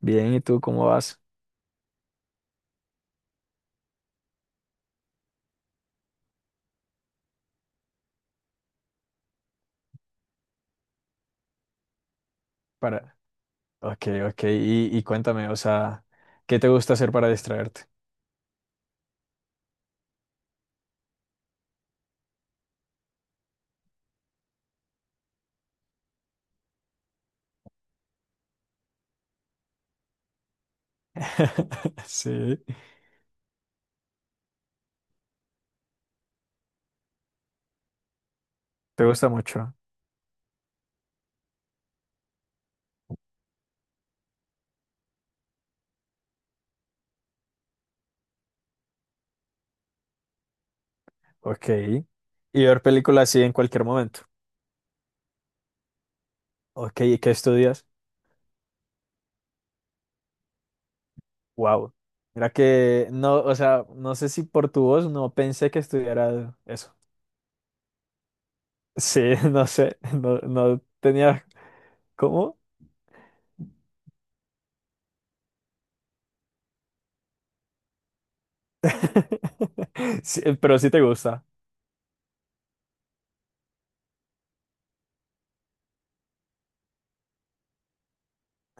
Bien, ¿y tú cómo vas? Para... Ok, ok, y cuéntame, o sea, ¿qué te gusta hacer para distraerte? Sí, te gusta mucho. Ok. Y ver películas así en cualquier momento. Ok, ¿y qué estudias? Wow. Mira que no, o sea, no sé si por tu voz no pensé que estudiara eso. Sí, no sé, no tenía cómo. Sí, pero sí te gusta.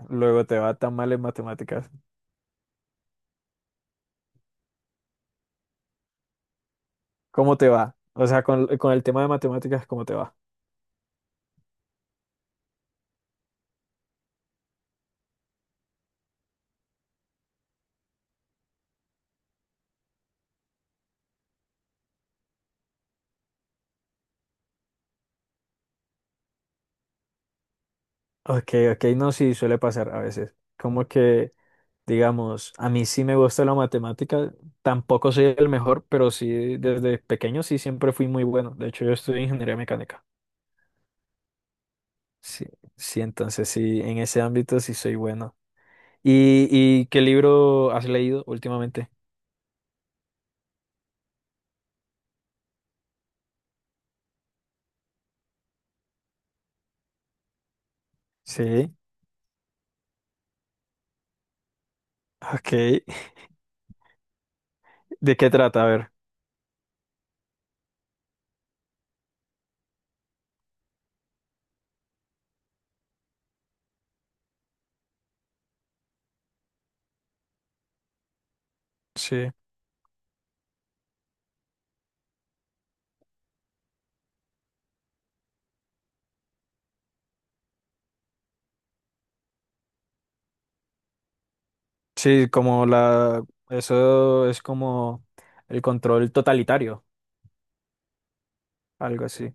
Luego te va tan mal en matemáticas. ¿Cómo te va? O sea, con el tema de matemáticas, ¿cómo te va? Ok, ok, no, sí, suele pasar a veces. Como que, digamos, a mí sí me gusta la matemática, tampoco soy el mejor, pero sí, desde pequeño sí siempre fui muy bueno. De hecho, yo estudié ingeniería mecánica. Sí, sí, entonces sí, en ese ámbito sí soy bueno. ¿Y qué libro has leído últimamente? Sí, ok. ¿De qué trata? A ver. Sí. Sí, como la, eso es como el control totalitario, algo así.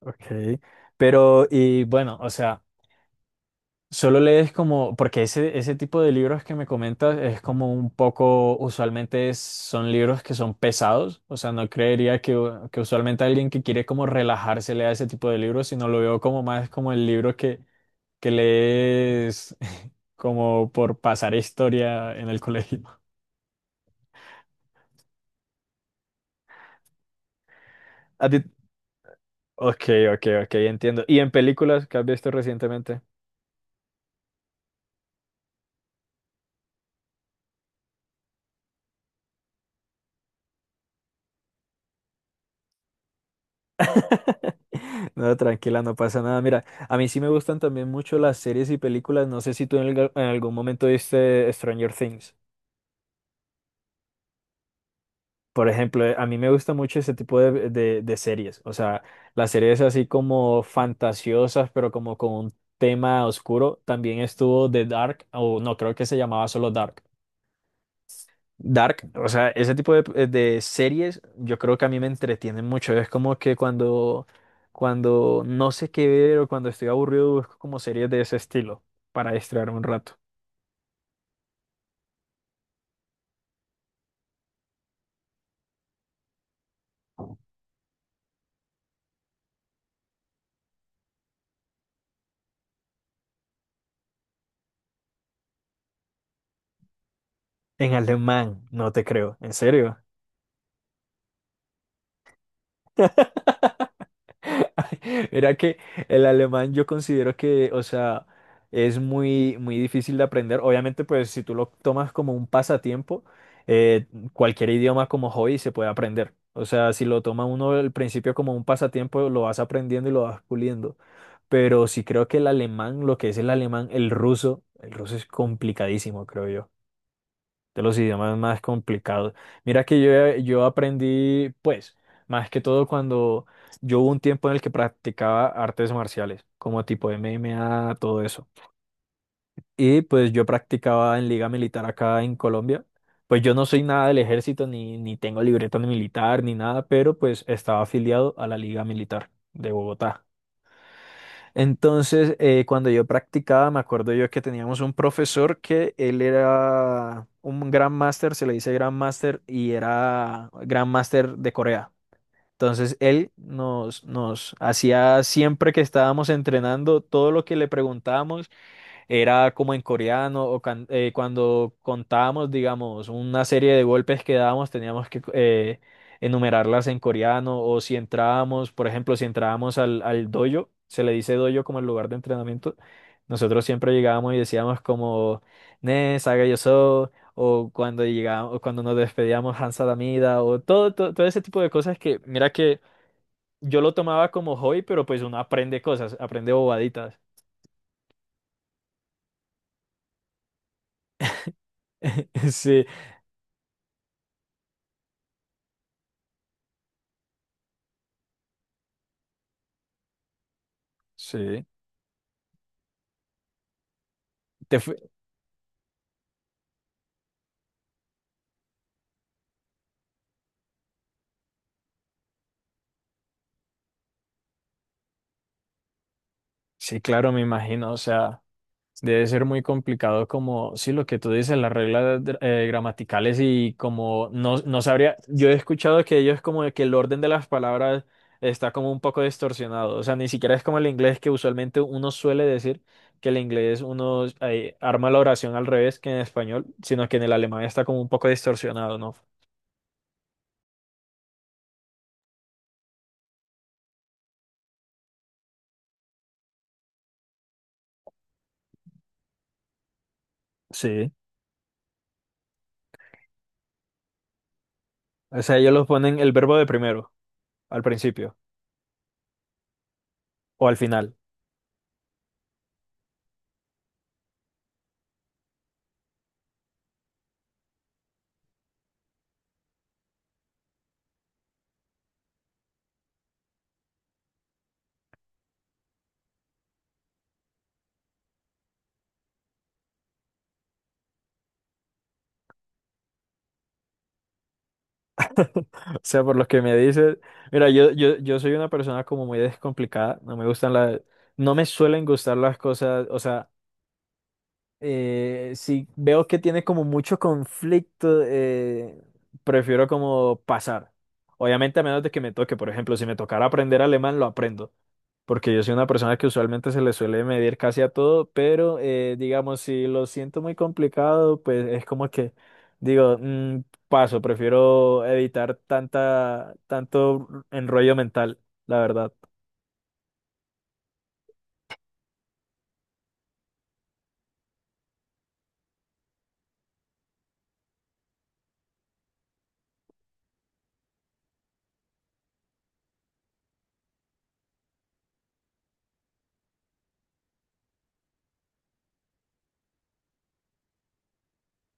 Okay. Pero, y bueno, o sea, solo lees como, porque ese tipo de libros que me comentas es como un poco, usualmente son libros que son pesados, o sea, no creería que, que usualmente alguien que quiere como relajarse lea ese tipo de libros, sino lo veo como más como el libro que lees como por pasar historia en el colegio. ¿A ti, ok, ok, ok, entiendo. ¿Y en películas que has visto recientemente? No, tranquila, no pasa nada. Mira, a mí sí me gustan también mucho las series y películas. No sé si tú en, en algún momento viste Stranger Things. Por ejemplo, a mí me gusta mucho ese tipo de, de series. O sea, las series así como fantasiosas, pero como con un tema oscuro. También estuvo The Dark, o no, creo que se llamaba solo Dark. Dark, o sea, ese tipo de series yo creo que a mí me entretienen mucho. Es como que cuando, cuando no sé qué ver o cuando estoy aburrido busco como series de ese estilo para distraerme un rato. En alemán, no te creo, en serio. Mira que el alemán yo considero que, o sea, es muy, muy difícil de aprender. Obviamente, pues si tú lo tomas como un pasatiempo, eh, cualquier idioma como hobby se puede aprender. O sea, si lo toma uno al principio como un pasatiempo, lo vas aprendiendo y lo vas puliendo. Pero sí creo que el alemán, lo que es el alemán, el ruso es complicadísimo, creo yo de los idiomas más complicados. Mira que yo, yo aprendí, pues, más que todo cuando yo hubo un tiempo en el que practicaba artes marciales, como tipo MMA, todo eso. Y pues yo practicaba en liga militar acá en Colombia. Pues yo no soy nada del ejército, ni tengo libreta ni militar, ni nada, pero pues estaba afiliado a la liga militar de Bogotá. Entonces, cuando yo practicaba, me acuerdo yo que teníamos un profesor que él era un gran máster, se le dice gran máster, y era gran máster de Corea. Entonces, él nos, nos hacía siempre que estábamos entrenando, todo lo que le preguntábamos, era como en coreano, o cuando contábamos, digamos, una serie de golpes que dábamos, teníamos que enumerarlas en coreano, o si entrábamos, por ejemplo, si entrábamos al, al dojo, se le dice dojo como el lugar de entrenamiento, nosotros siempre llegábamos y decíamos como, ne, saga yo so, o cuando llegábamos, cuando nos despedíamos, Hansa Damida, o todo ese tipo de cosas que, mira que yo lo tomaba como hobby, pero pues uno aprende cosas, aprende bobaditas. Sí. Sí. Te fue- Sí, claro, me imagino, o sea, debe ser muy complicado como, sí, lo que tú dices, las reglas gramaticales y como no, no sabría, yo he escuchado que ellos como de que el orden de las palabras está como un poco distorsionado, o sea, ni siquiera es como el inglés que usualmente uno suele decir que el inglés uno arma la oración al revés que en español, sino que en el alemán está como un poco distorsionado, ¿no? Sí, o sea, ellos los ponen el verbo de primero, al principio o al final. O sea, por lo que me dices, mira, yo soy una persona como muy descomplicada, no me gustan las, no me suelen gustar las cosas, o sea, si veo que tiene como mucho conflicto, prefiero como pasar. Obviamente a menos de que me toque, por ejemplo, si me tocara aprender alemán, lo aprendo porque yo soy una persona que usualmente se le suele medir casi a todo, pero digamos, si lo siento muy complicado, pues es como que digo, "Mm, paso, prefiero evitar tanta, tanto enrollo mental, la verdad.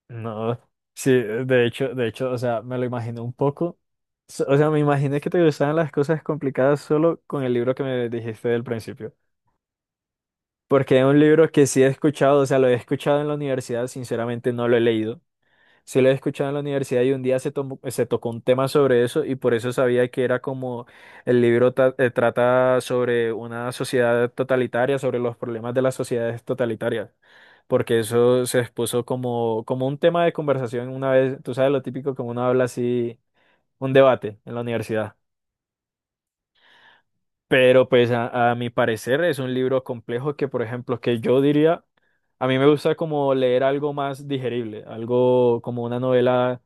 No, sí, de hecho, o sea, me lo imaginé un poco. O sea, me imaginé que te gustaban las cosas complicadas solo con el libro que me dijiste del principio. Porque es un libro que sí he escuchado, o sea, lo he escuchado en la universidad, sinceramente no lo he leído. Sí, lo he escuchado en la universidad y un día se, se tocó un tema sobre eso y por eso sabía que era como el libro trata sobre una sociedad totalitaria, sobre los problemas de las sociedades totalitarias, porque eso se expuso como, como un tema de conversación una vez, tú sabes lo típico como uno habla así, un debate en la universidad. Pero pues a mi parecer es un libro complejo que, por ejemplo, que yo diría, a mí me gusta como leer algo más digerible, algo como una novela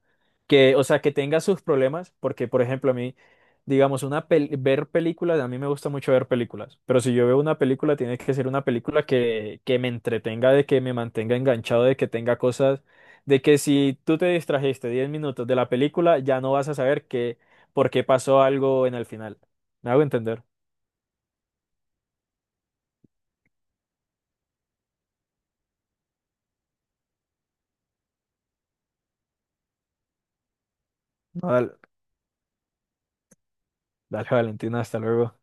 que, o sea, que tenga sus problemas, porque, por ejemplo, a mí, digamos, ver películas, a mí me gusta mucho ver películas, pero si yo veo una película, tiene que ser una película que me entretenga, de que me mantenga enganchado, de que tenga cosas, de que si tú te distrajiste 10 minutos de la película, ya no vas a saber qué, por qué pasó algo en el final. ¿Me hago entender? No, dale, dale, Valentina, hasta luego.